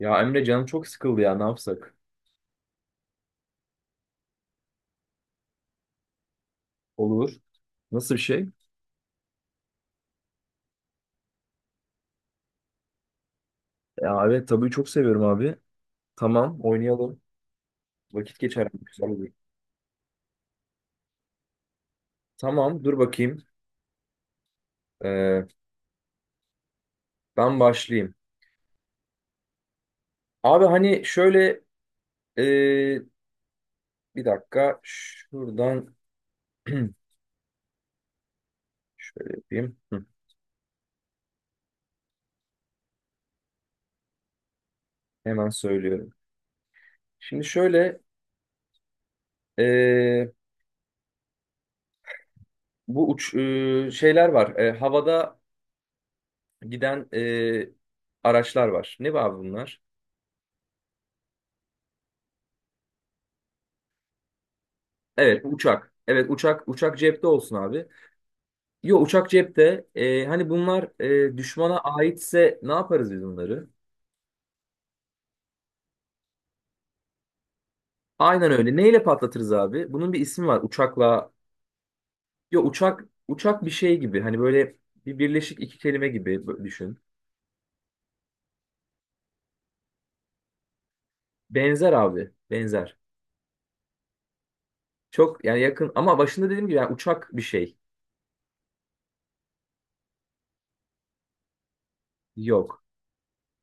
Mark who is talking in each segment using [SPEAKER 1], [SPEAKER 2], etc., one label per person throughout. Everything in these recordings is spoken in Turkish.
[SPEAKER 1] Ya Emre canım çok sıkıldı ya, ne yapsak? Olur. Nasıl bir şey? Ya evet tabii çok seviyorum abi. Tamam oynayalım. Vakit geçer. Güzel olur. Tamam dur bakayım. Ee, Ben başlayayım. Abi hani şöyle ee, bir dakika şuradan şöyle yapayım. Hı, hemen söylüyorum. Şimdi şöyle ee, bu uç şeyler var. Havada giden araçlar var. Ne var bunlar? Evet uçak. Evet uçak, uçak cepte olsun abi. Yo uçak cepte. Hani bunlar düşmana aitse ne yaparız biz bunları? Aynen öyle. Neyle patlatırız abi? Bunun bir ismi var. Uçakla. Yo uçak, uçak bir şey gibi. Hani böyle bir birleşik iki kelime gibi düşün. Benzer abi. Benzer. Çok yani yakın ama başında dediğim gibi yani uçak bir şey. Yok.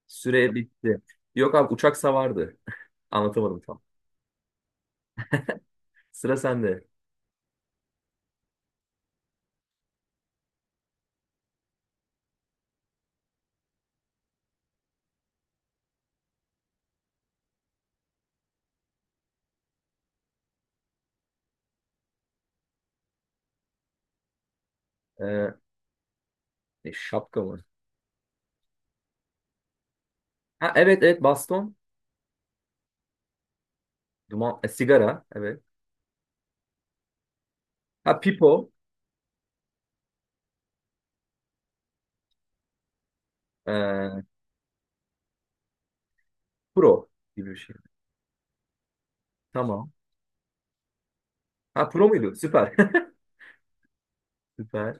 [SPEAKER 1] Süre bitti. Yok abi, uçak savardı. Anlatamadım tam. Sıra sende. Ee, Şapka mı? Ha evet, evet, baston. Duman, sigara. Evet. Ha, pipo. Ee, Pro gibi bir şey. Tamam. Ha pro muydu? Süper. Süper.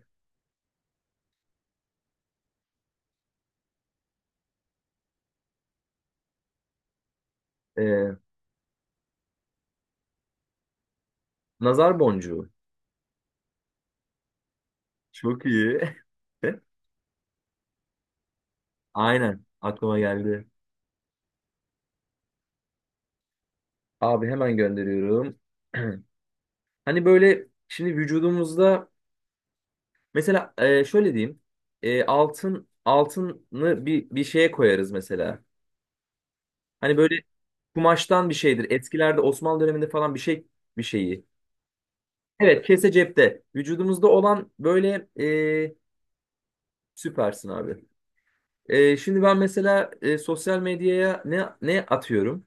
[SPEAKER 1] Ee, Nazar boncuğu. Çok iyi. Aynen. Aklıma geldi. Abi hemen gönderiyorum. Hani böyle şimdi vücudumuzda mesela şöyle diyeyim. E, altını bir şeye koyarız mesela. Hani böyle kumaştan bir şeydir. Eskilerde Osmanlı döneminde falan bir şey bir şeyi. Evet, kese cepte. Vücudumuzda olan böyle e, süpersin abi. Şimdi ben mesela sosyal medyaya ne atıyorum?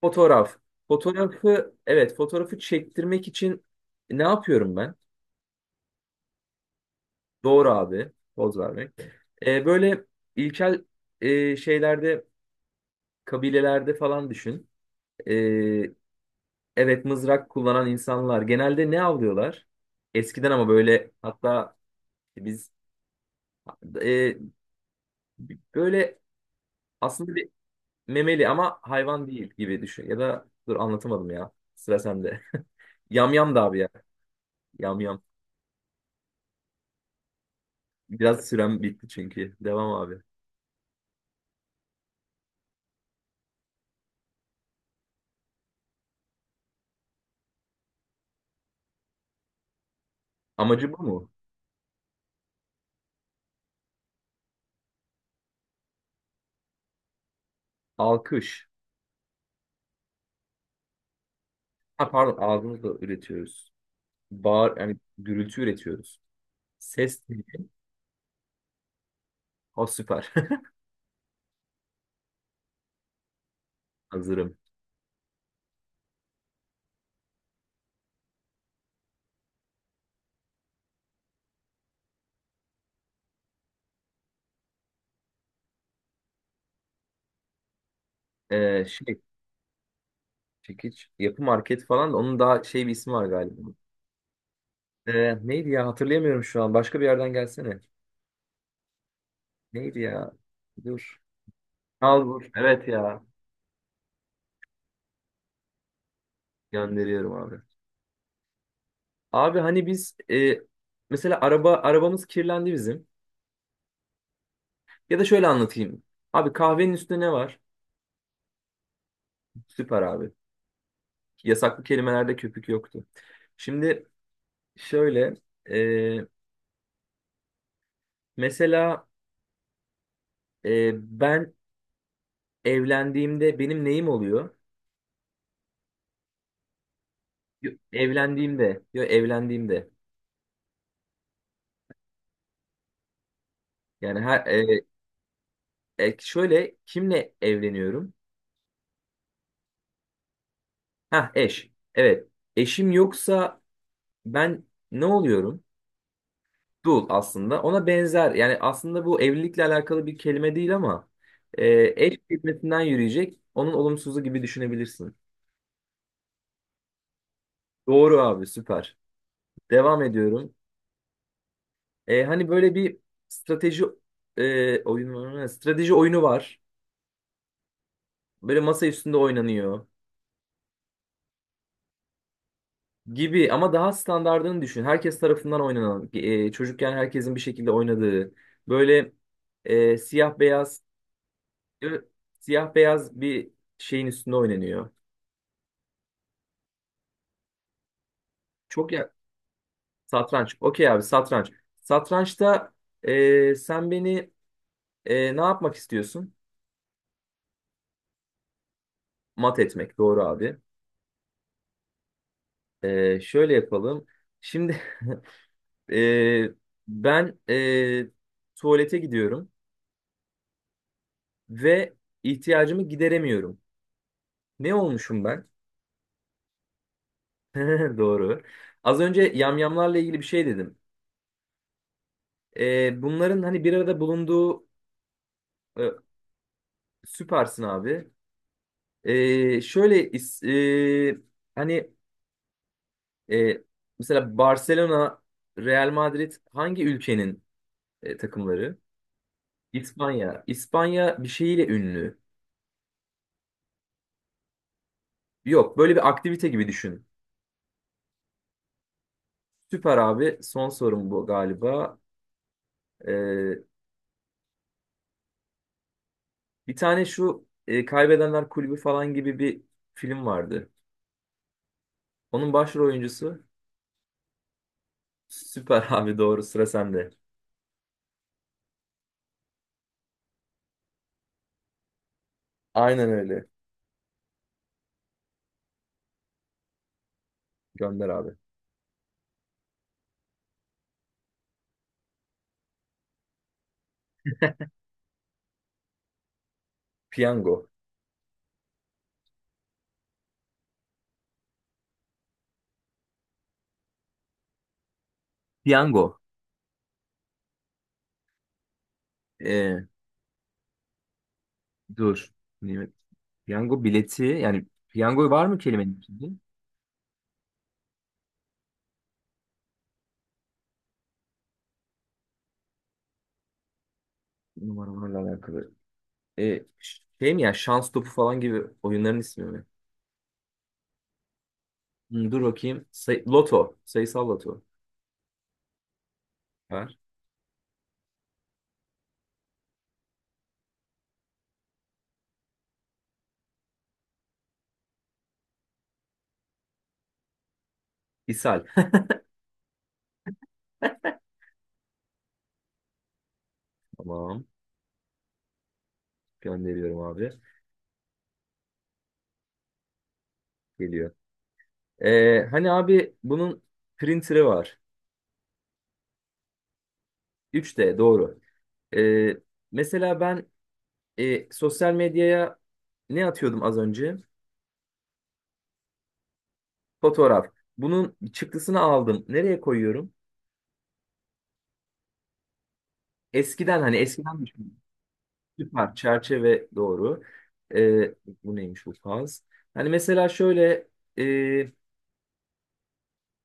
[SPEAKER 1] Fotoğraf. Fotoğrafı, evet, fotoğrafı çektirmek için ne yapıyorum ben? Doğru abi. Poz vermek. Böyle ilkel şeylerde, kabilelerde falan düşün. Ee, evet, mızrak kullanan insanlar genelde ne avlıyorlar? Eskiden ama böyle, hatta biz e, böyle aslında memeli ama hayvan değil gibi düşün. Ya da dur, anlatamadım ya. Sıra sende. Yamyam da abi ya. Yamyam. Biraz sürem bitti çünkü. Devam abi. Amacı bu mu? Alkış. Ha pardon, ağzımızla üretiyoruz. Bağır, yani gürültü üretiyoruz. Ses değil. O süper. Hazırım. Şey, çekiç yapı market falan, da onun daha şey bir ismi var galiba. Neydi ya, hatırlayamıyorum şu an. Başka bir yerden gelsene. Neydi ya? Dur. Al vur. Evet ya. Gönderiyorum abi. Abi hani biz, mesela arabamız kirlendi bizim. Ya da şöyle anlatayım. Abi kahvenin üstünde ne var? Süper abi. Yasaklı kelimelerde köpük yoktu. Şimdi şöyle e, mesela e, ben evlendiğimde benim neyim oluyor? Yo, evlendiğimde, yo, evlendiğimde. Yani her şöyle kimle evleniyorum? Ha, eş. Evet. Eşim yoksa ben ne oluyorum? Dul aslında. Ona benzer. Yani aslında bu evlilikle alakalı bir kelime değil ama e, eş kelimesinden yürüyecek. Onun olumsuzu gibi düşünebilirsin. Doğru abi, süper. Devam ediyorum. E, hani böyle bir strateji oyunu, strateji oyunu var. Böyle masa üstünde oynanıyor gibi ama daha standardını düşün. Herkes tarafından oynanan, çocukken herkesin bir şekilde oynadığı böyle siyah beyaz, e, siyah beyaz bir şeyin üstünde oynanıyor. Çok satranç. Okey abi, satranç. Satrançta sen beni ne yapmak istiyorsun? Mat etmek. Doğru abi. E, şöyle yapalım. Şimdi e, ben tuvalete gidiyorum ve ihtiyacımı gideremiyorum. Ne olmuşum ben? Doğru. Az önce yamyamlarla ilgili bir şey dedim. E, bunların hani bir arada bulunduğu e, süpersin abi. E, şöyle is- e, hani E, Mesela Barcelona, Real Madrid hangi ülkenin takımları? İspanya. İspanya bir şeyiyle ünlü. Yok, böyle bir aktivite gibi düşün. Süper abi. Son sorum bu galiba. E, bir tane şu Kaybedenler Kulübü falan gibi bir film vardı. Onun başrol oyuncusu. Süper abi, doğru, sıra sende. Aynen öyle. Gönder abi. Piyango. Piyango. E, dur. Nimet. Piyango bileti, yani piyango var mı kelimenin içinde? Numaralarla alakalı. E, şey mi ya, şans topu falan gibi oyunların ismi mi? Hmm, dur bakayım. Say- loto. Sayısal loto. Var. İshal. Tamam. Gönderiyorum abi. Geliyor. E, hani abi bunun printer'ı var. 3D doğru. E, Mesela ben sosyal medyaya ne atıyordum az önce? Fotoğraf. Bunun çıktısını aldım. Nereye koyuyorum? Eskiden, hani eskiden düşün. Süper. Çerçeve, doğru. Ee, Bu neymiş, bu faz? Hani mesela şöyle e,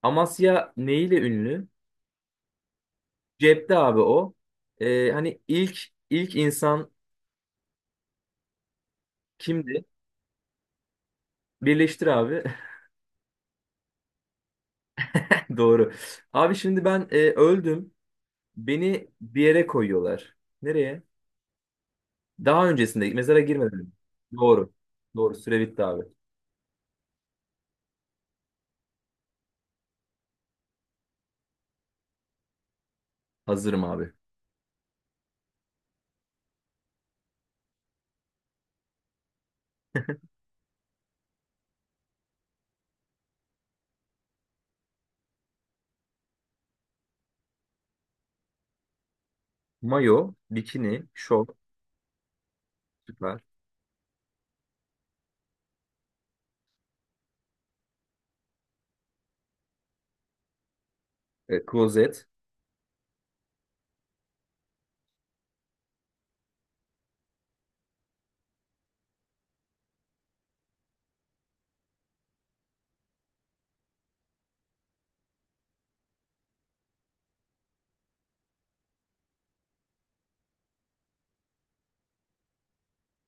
[SPEAKER 1] Amasya neyle ünlü? Cepte abi o. Hani ilk insan kimdi? Birleştir abi. Doğru. Abi şimdi ben öldüm. Beni bir yere koyuyorlar. Nereye? Daha öncesinde mezara girmedim. Doğru. Doğru. Süre bitti abi. Hazırım abi. Mayo, bikini, şort, süper. E, klozet,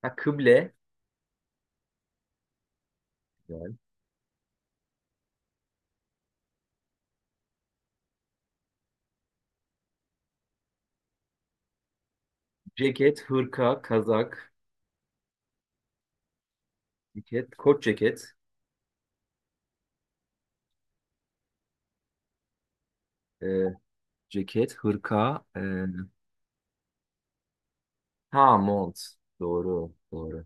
[SPEAKER 1] ha, kıble. Ceket, hırka, kazak, ceket, kot ceket, e, ceket, hırka, ha mont. Doğru, doğru.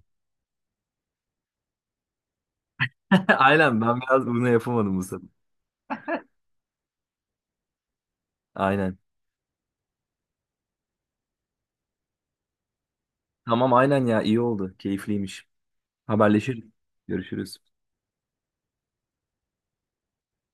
[SPEAKER 1] Aynen, ben biraz bunu yapamadım bu sefer. Aynen. Tamam aynen ya, iyi oldu. Keyifliymiş. Haberleşiriz. Görüşürüz.